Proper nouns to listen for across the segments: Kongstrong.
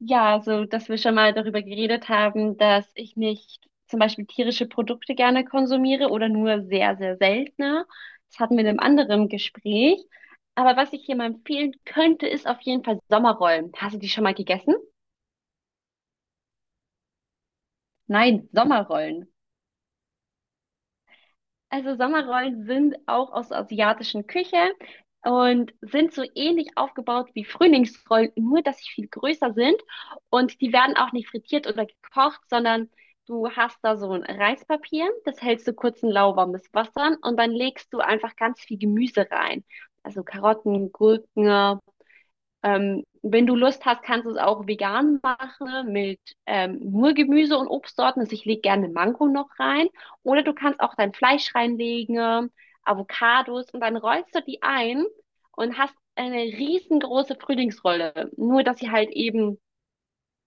Ja, also dass wir schon mal darüber geredet haben, dass ich nicht zum Beispiel tierische Produkte gerne konsumiere oder nur sehr, sehr seltener. Das hatten wir in einem anderen Gespräch. Aber was ich hier mal empfehlen könnte, ist auf jeden Fall Sommerrollen. Hast du die schon mal gegessen? Nein, Sommerrollen. Also Sommerrollen sind auch aus der asiatischen Küche und sind so ähnlich aufgebaut wie Frühlingsrollen, nur dass sie viel größer sind, und die werden auch nicht frittiert oder gekocht, sondern du hast da so ein Reispapier, das hältst du kurz in lauwarmes Wasser und dann legst du einfach ganz viel Gemüse rein. Also Karotten, Gurken, wenn du Lust hast, kannst du es auch vegan machen mit nur Gemüse und Obstsorten. Also ich lege gerne Mango noch rein. Oder du kannst auch dein Fleisch reinlegen, Avocados, und dann rollst du die ein und hast eine riesengroße Frühlingsrolle. Nur, dass sie halt eben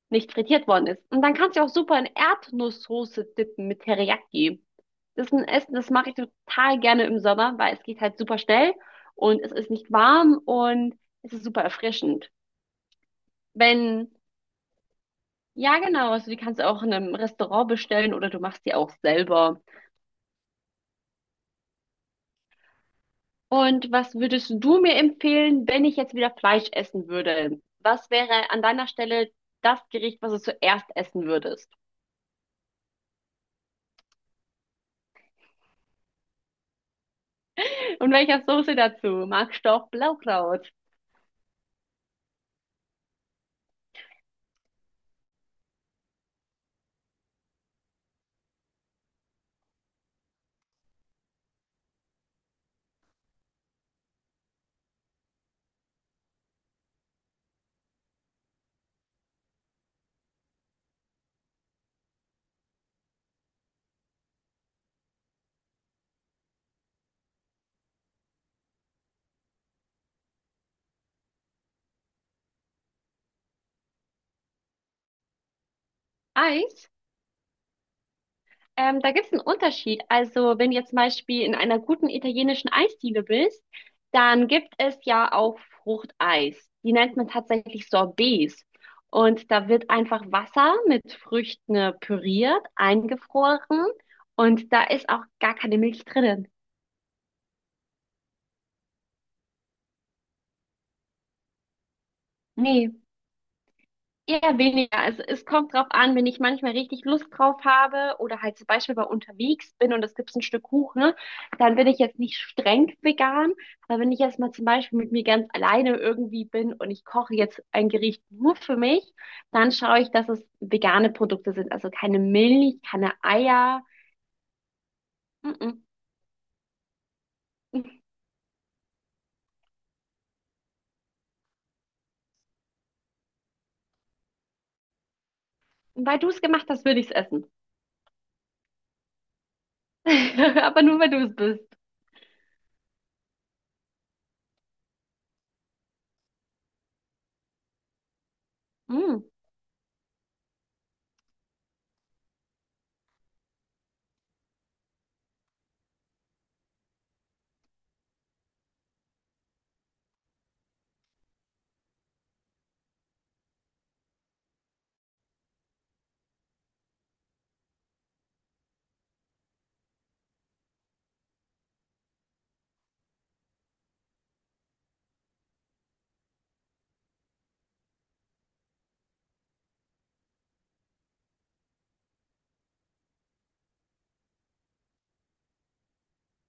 nicht frittiert worden ist. Und dann kannst du auch super in Erdnusssoße dippen mit Teriyaki. Das ist ein Essen, das mache ich total gerne im Sommer, weil es geht halt super schnell und es ist nicht warm und es ist super erfrischend. Wenn, ja genau, also die kannst du auch in einem Restaurant bestellen oder du machst die auch selber. Und was würdest du mir empfehlen, wenn ich jetzt wieder Fleisch essen würde? Was wäre an deiner Stelle das Gericht, was du zuerst essen würdest? Und welcher Soße dazu? Magst du auch Blaukraut? Eis? Da gibt es einen Unterschied. Also, wenn du jetzt zum Beispiel in einer guten italienischen Eisdiele bist, dann gibt es ja auch Fruchteis. Die nennt man tatsächlich Sorbets. Und da wird einfach Wasser mit Früchten püriert, eingefroren. Und da ist auch gar keine Milch drinnen. Nee. Eher weniger. Also es kommt drauf an, wenn ich manchmal richtig Lust drauf habe oder halt zum Beispiel mal unterwegs bin und es gibt ein Stück Kuchen, ne, dann bin ich jetzt nicht streng vegan. Aber wenn ich jetzt mal zum Beispiel mit mir ganz alleine irgendwie bin und ich koche jetzt ein Gericht nur für mich, dann schaue ich, dass es vegane Produkte sind. Also keine Milch, keine Eier. Mm-mm. Weil du es gemacht hast, würde ich es essen. Aber nur, weil du es bist. Mm.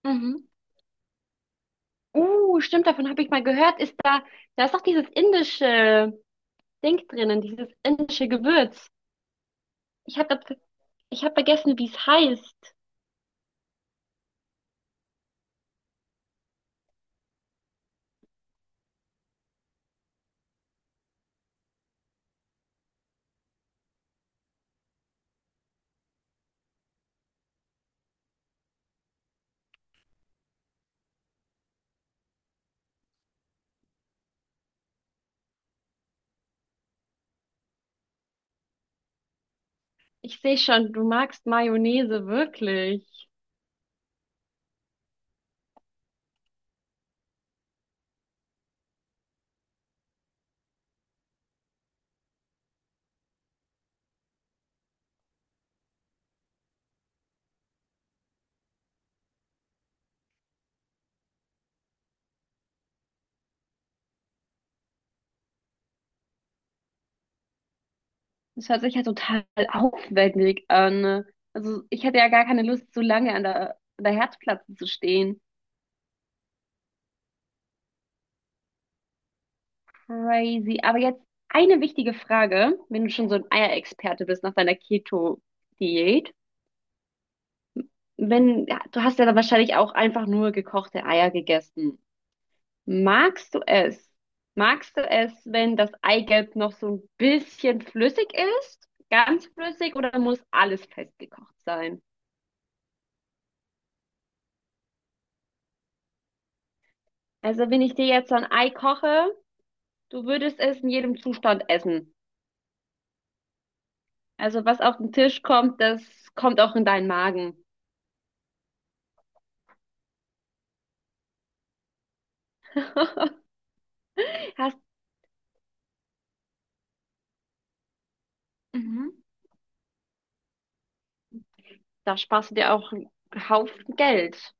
Mhm. Stimmt, davon habe ich mal gehört. Ist da, da ist doch dieses indische. Ding drinnen, dieses indische Gewürz. Ich habe ich hab vergessen, wie es heißt. Ich sehe schon, du magst Mayonnaise wirklich. Das hört sich ja total aufwendig an. Also ich hätte ja gar keine Lust, so lange an der Herdplatte zu stehen. Crazy. Aber jetzt eine wichtige Frage, wenn du schon so ein Eierexperte bist nach deiner Keto-Diät. Wenn, ja, du hast ja dann wahrscheinlich auch einfach nur gekochte Eier gegessen. Magst du es? Magst du es, wenn das Eigelb noch so ein bisschen flüssig ist? Ganz flüssig oder muss alles festgekocht sein? Also, wenn ich dir jetzt so ein Ei koche, du würdest es in jedem Zustand essen. Also, was auf den Tisch kommt, das kommt auch in deinen Magen. Hast, mhm. Da sparst du dir auch einen Haufen Geld.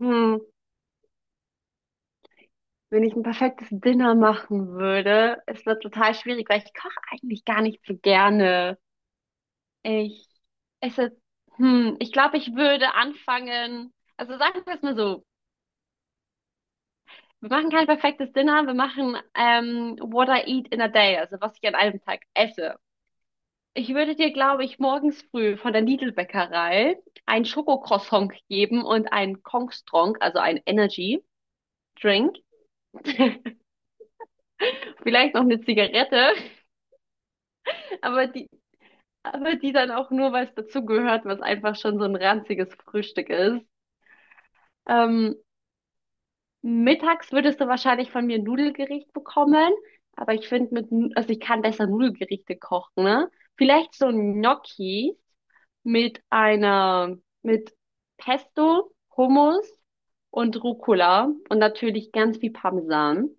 Hm. Wenn ich ein perfektes Dinner machen würde, es wird total schwierig, weil ich koche eigentlich gar nicht so gerne. Ich, es ist, hm, ich glaube, ich würde anfangen. Also sagen wir es mal so. Wir machen kein perfektes Dinner, wir machen what I eat in a day, also was ich an einem Tag esse. Ich würde dir, glaube ich, morgens früh von der Lidl-Bäckerei ein Schokocroissant geben und einen Kongstrong, also ein Energy Drink. Vielleicht noch eine Zigarette, aber die dann auch nur, weil es dazugehört, was einfach schon so ein ranziges Frühstück ist. Ähm, Mittags würdest du wahrscheinlich von mir ein Nudelgericht bekommen, aber ich finde mit, also ich kann besser Nudelgerichte kochen, ne? Vielleicht so ein Gnocchi mit einer, mit Pesto, Hummus und Rucola und natürlich ganz viel Parmesan.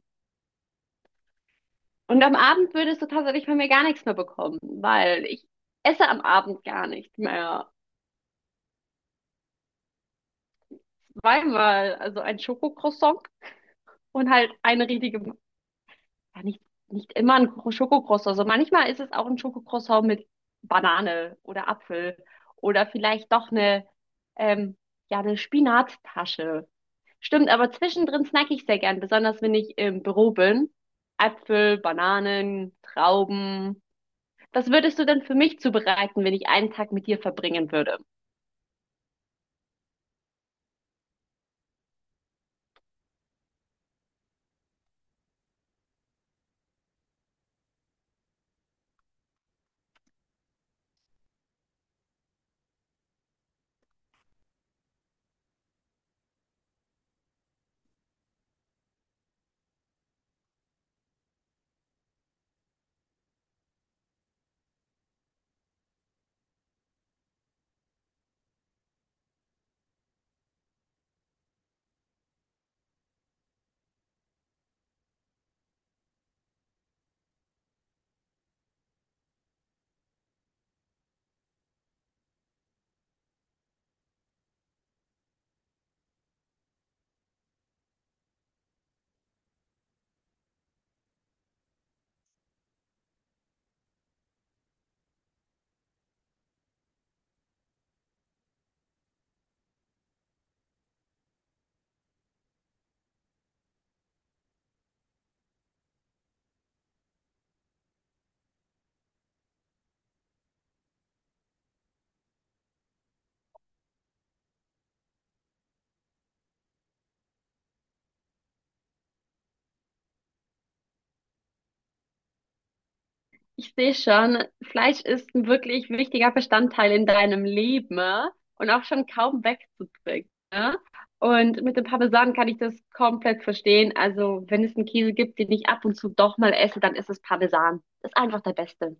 Und am Abend würdest du tatsächlich von mir gar nichts mehr bekommen, weil ich esse am Abend gar nichts mehr. Zweimal, also ein Schokocroissant und halt eine richtige Ja, nicht immer ein Schokocroissant. Also manchmal ist es auch ein Schokocroissant mit Banane oder Apfel oder vielleicht doch eine, ähm, ja, eine Spinattasche. Stimmt, aber zwischendrin snacke ich sehr gern, besonders wenn ich im Büro bin. Äpfel, Bananen, Trauben. Was würdest du denn für mich zubereiten, wenn ich einen Tag mit dir verbringen würde? Ich sehe schon, Fleisch ist ein wirklich wichtiger Bestandteil in deinem Leben, ne? Und auch schon kaum wegzubringen. Ne? Und mit dem Parmesan kann ich das komplett verstehen. Also, wenn es einen Käse gibt, den ich ab und zu doch mal esse, dann ist es Parmesan. Ist einfach der Beste.